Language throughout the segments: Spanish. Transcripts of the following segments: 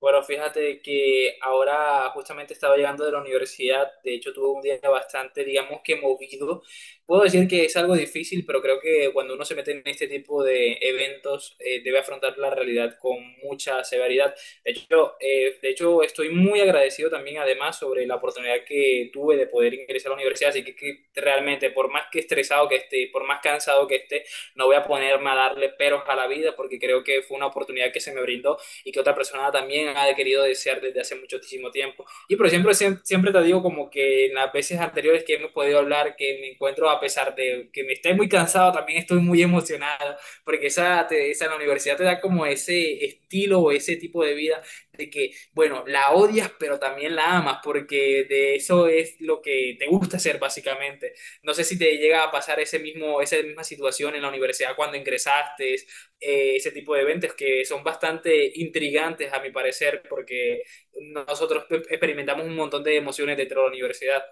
Bueno, fíjate que ahora justamente estaba llegando de la universidad. De hecho tuve un día bastante, digamos que movido. Puedo decir que es algo difícil, pero creo que cuando uno se mete en este tipo de eventos debe afrontar la realidad con mucha severidad. De hecho, estoy muy agradecido también además sobre la oportunidad que tuve de poder ingresar a la universidad, así que realmente por más que estresado que esté, por más cansado que esté, no voy a ponerme a darle peros a la vida porque creo que fue una oportunidad que se me brindó y que otra persona también ha querido desear desde hace muchísimo tiempo. Y por siempre te digo, como que en las veces anteriores que hemos podido hablar, que me encuentro, a pesar de que me estoy muy cansado, también estoy muy emocionado, porque esa en la universidad te da como ese estilo o ese tipo de vida de que, bueno, la odias, pero también la amas, porque de eso es lo que te gusta hacer básicamente. No sé si te llega a pasar ese esa misma situación en la universidad cuando ingresaste ese tipo de eventos que son bastante intrigantes a mi parecer, porque nosotros experimentamos un montón de emociones dentro de la universidad.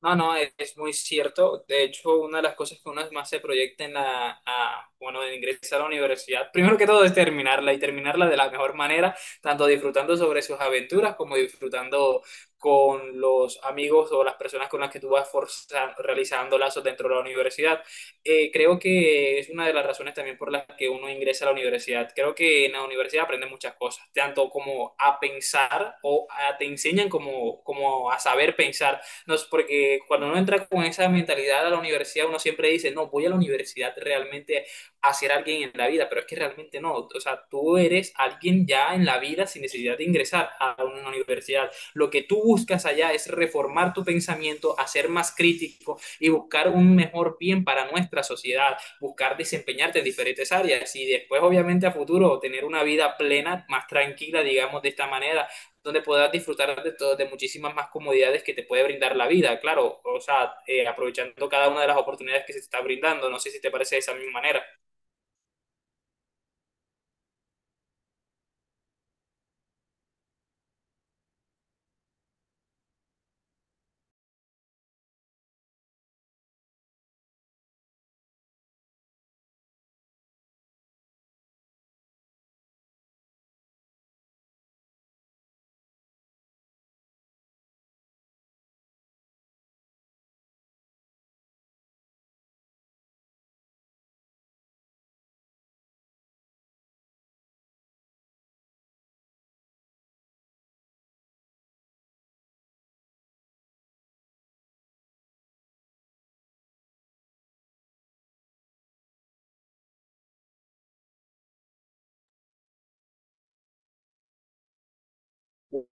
No, no, es muy cierto. De hecho, una de las cosas que uno más se proyecta en bueno, en ingresar a la universidad, primero que todo es terminarla y terminarla de la mejor manera, tanto disfrutando sobre sus aventuras como disfrutando con los amigos o las personas con las que tú vas realizando lazos dentro de la universidad. Creo que es una de las razones también por las que uno ingresa a la universidad. Creo que en la universidad aprendes muchas cosas, tanto como a pensar te enseñan como a saber pensar no, es porque cuando uno entra con esa mentalidad a la universidad, uno siempre dice, no, voy a la universidad realmente a ser alguien en la vida, pero es que realmente no. O sea, tú eres alguien ya en la vida sin necesidad de ingresar a una universidad. Lo que tú buscas allá es reformar tu pensamiento, hacer más crítico y buscar un mejor bien para nuestra sociedad, buscar desempeñarte en diferentes áreas y después, obviamente, a futuro tener una vida plena, más tranquila, digamos, de esta manera, donde podrás disfrutar todo, de muchísimas más comodidades que te puede brindar la vida, claro, o sea, aprovechando cada una de las oportunidades que se te está brindando. No sé si te parece de esa misma manera.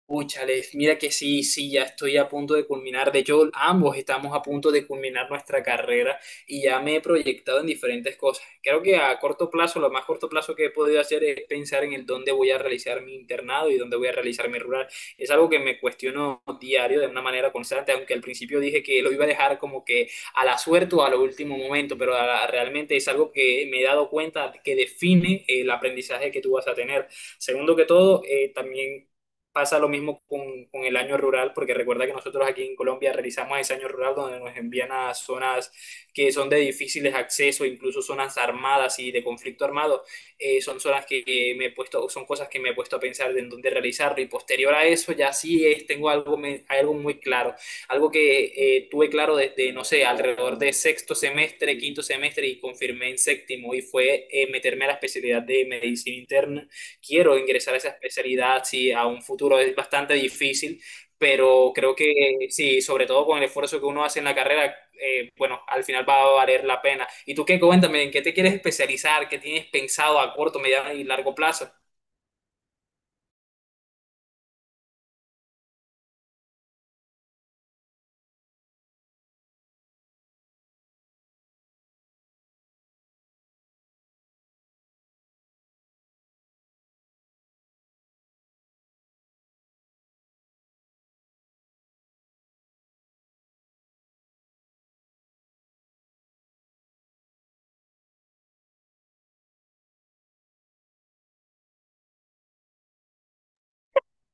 Púchales, mira que sí, sí, ya estoy a punto de culminar. De hecho, ambos estamos a punto de culminar nuestra carrera y ya me he proyectado en diferentes cosas. Creo que a corto plazo, lo más corto plazo que he podido hacer es pensar en el dónde voy a realizar mi internado y dónde voy a realizar mi rural. Es algo que me cuestiono diario de una manera constante, aunque al principio dije que lo iba a dejar como que a la suerte o a lo último momento, pero realmente es algo que me he dado cuenta que define el aprendizaje que tú vas a tener. Segundo que todo, también pasa lo mismo con el año rural, porque recuerda que nosotros aquí en Colombia realizamos ese año rural donde nos envían a zonas que son de difíciles acceso, incluso zonas armadas y de conflicto armado. Son zonas que me he puesto, son cosas que me he puesto a pensar de en dónde realizarlo, y posterior a eso ya sí tengo algo, algo muy claro, algo que tuve claro desde, no sé, alrededor de sexto semestre, quinto semestre y confirmé en séptimo, y fue meterme a la especialidad de medicina interna. Quiero ingresar a esa especialidad, sí, a un futuro es bastante difícil, pero creo que sí, sobre todo con el esfuerzo que uno hace en la carrera, bueno, al final va a valer la pena. ¿Y tú qué? Cuéntame, ¿en qué te quieres especializar? ¿Qué tienes pensado a corto, mediano y largo plazo?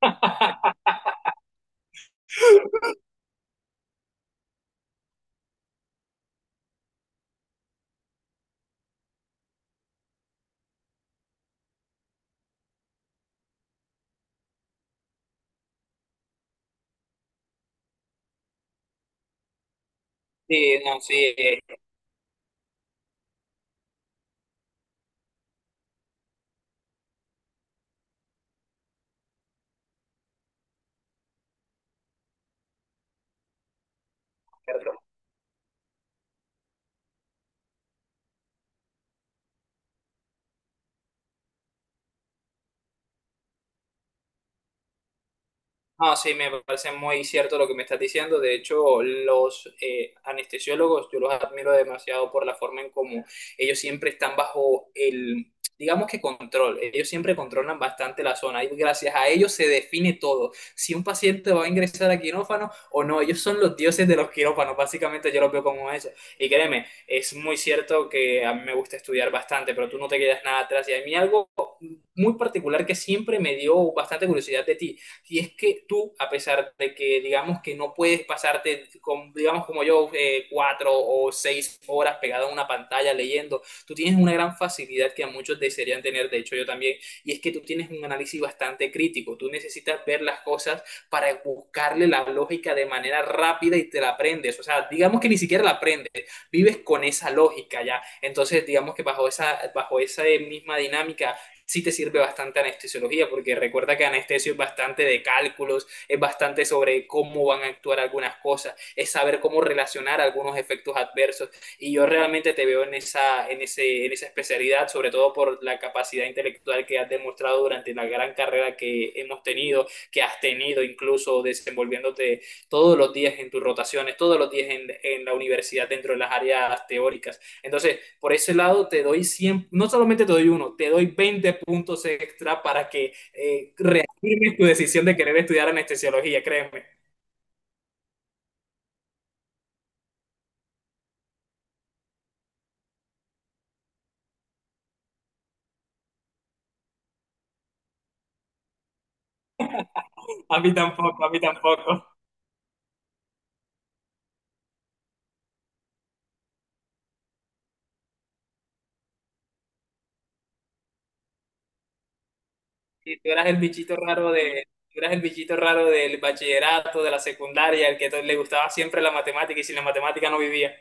Sí, no, sí, no, sí, me parece muy cierto lo que me estás diciendo. De hecho, los anestesiólogos, yo los admiro demasiado por la forma en cómo ellos siempre están bajo digamos que control. Ellos siempre controlan bastante la zona y gracias a ellos se define todo. Si un paciente va a ingresar a quirófano o no, ellos son los dioses de los quirófanos. Básicamente yo los veo como eso. Y créeme, es muy cierto que a mí me gusta estudiar bastante, pero tú no te quedas nada atrás. Y a mí algo muy particular que siempre me dio bastante curiosidad de ti si es que tú, a pesar de que digamos que no puedes pasarte, digamos como yo, cuatro o seis horas pegado a una pantalla leyendo, tú tienes una gran facilidad que a muchos desearían tener, de hecho yo también, y es que tú tienes un análisis bastante crítico, tú necesitas ver las cosas para buscarle la lógica de manera rápida y te la aprendes, o sea, digamos que ni siquiera la aprendes, vives con esa lógica ya, entonces digamos que bajo bajo esa misma dinámica sí te sirve bastante anestesiología, porque recuerda que anestesio es bastante de cálculos, es bastante sobre cómo van a actuar algunas cosas, es saber cómo relacionar algunos efectos adversos. Y yo realmente te veo en en esa especialidad, sobre todo por la capacidad intelectual que has demostrado durante la gran carrera que hemos tenido, que has tenido incluso desenvolviéndote todos los días en tus rotaciones, todos los días en la universidad dentro de las áreas teóricas. Entonces, por ese lado te doy 100, no solamente te doy uno, te doy 20 puntos extra para que reafirmes tu decisión de querer estudiar anestesiología, créeme. A mí tampoco, a mí tampoco. Y tú eras el bichito raro tú eras el bichito raro del bachillerato, de la secundaria, el le gustaba siempre la matemática y sin la matemática no vivía.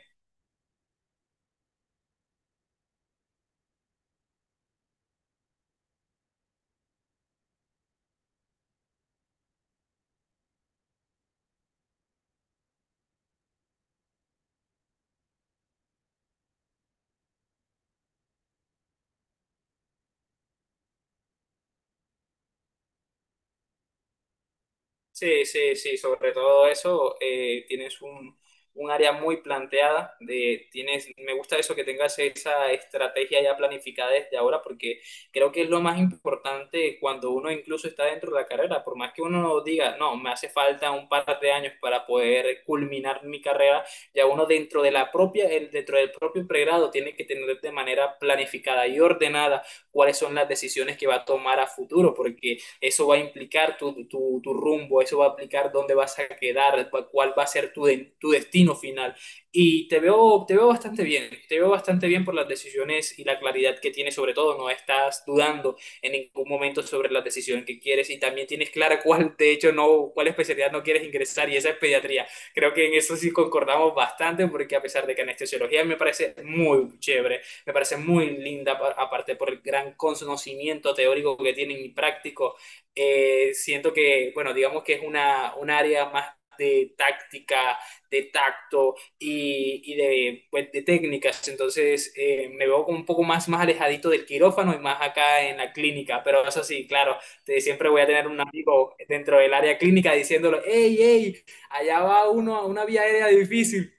Sí, sí, sí, sobre todo eso, tienes un área muy planteada, tienes, me gusta eso que tengas esa estrategia ya planificada desde ahora, porque creo que es lo más importante cuando uno incluso está dentro de la carrera, por más que uno diga, no, me hace falta un par de años para poder culminar mi carrera, ya uno dentro de la propia, dentro del propio pregrado tiene que tener de manera planificada y ordenada cuáles son las decisiones que va a tomar a futuro, porque eso va a implicar tu rumbo, eso va a implicar dónde vas a quedar, cuál va a ser tu destino final. Y te veo bastante bien, te veo bastante bien por las decisiones y la claridad que tienes sobre todo, no estás dudando en ningún momento sobre la decisión que quieres y también tienes clara cuál, de hecho, no, cuál especialidad no quieres ingresar, y esa es pediatría. Creo que en eso sí concordamos bastante, porque a pesar de que anestesiología me parece muy chévere, me parece muy linda, aparte por el gran conocimiento teórico que tienen y práctico siento que, bueno, digamos que es un área más de táctica, de tacto pues, de técnicas. Entonces me veo como un poco más, más alejadito del quirófano y más acá en la clínica. Pero eso sí, claro, siempre voy a tener un amigo dentro del área clínica diciéndolo, hey, hey, allá va uno a una vía aérea difícil.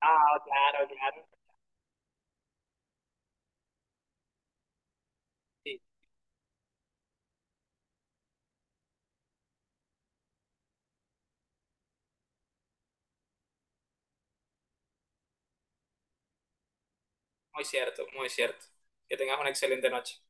Ah, claro, claro. Sí, muy cierto, muy cierto. Que tengas una excelente noche.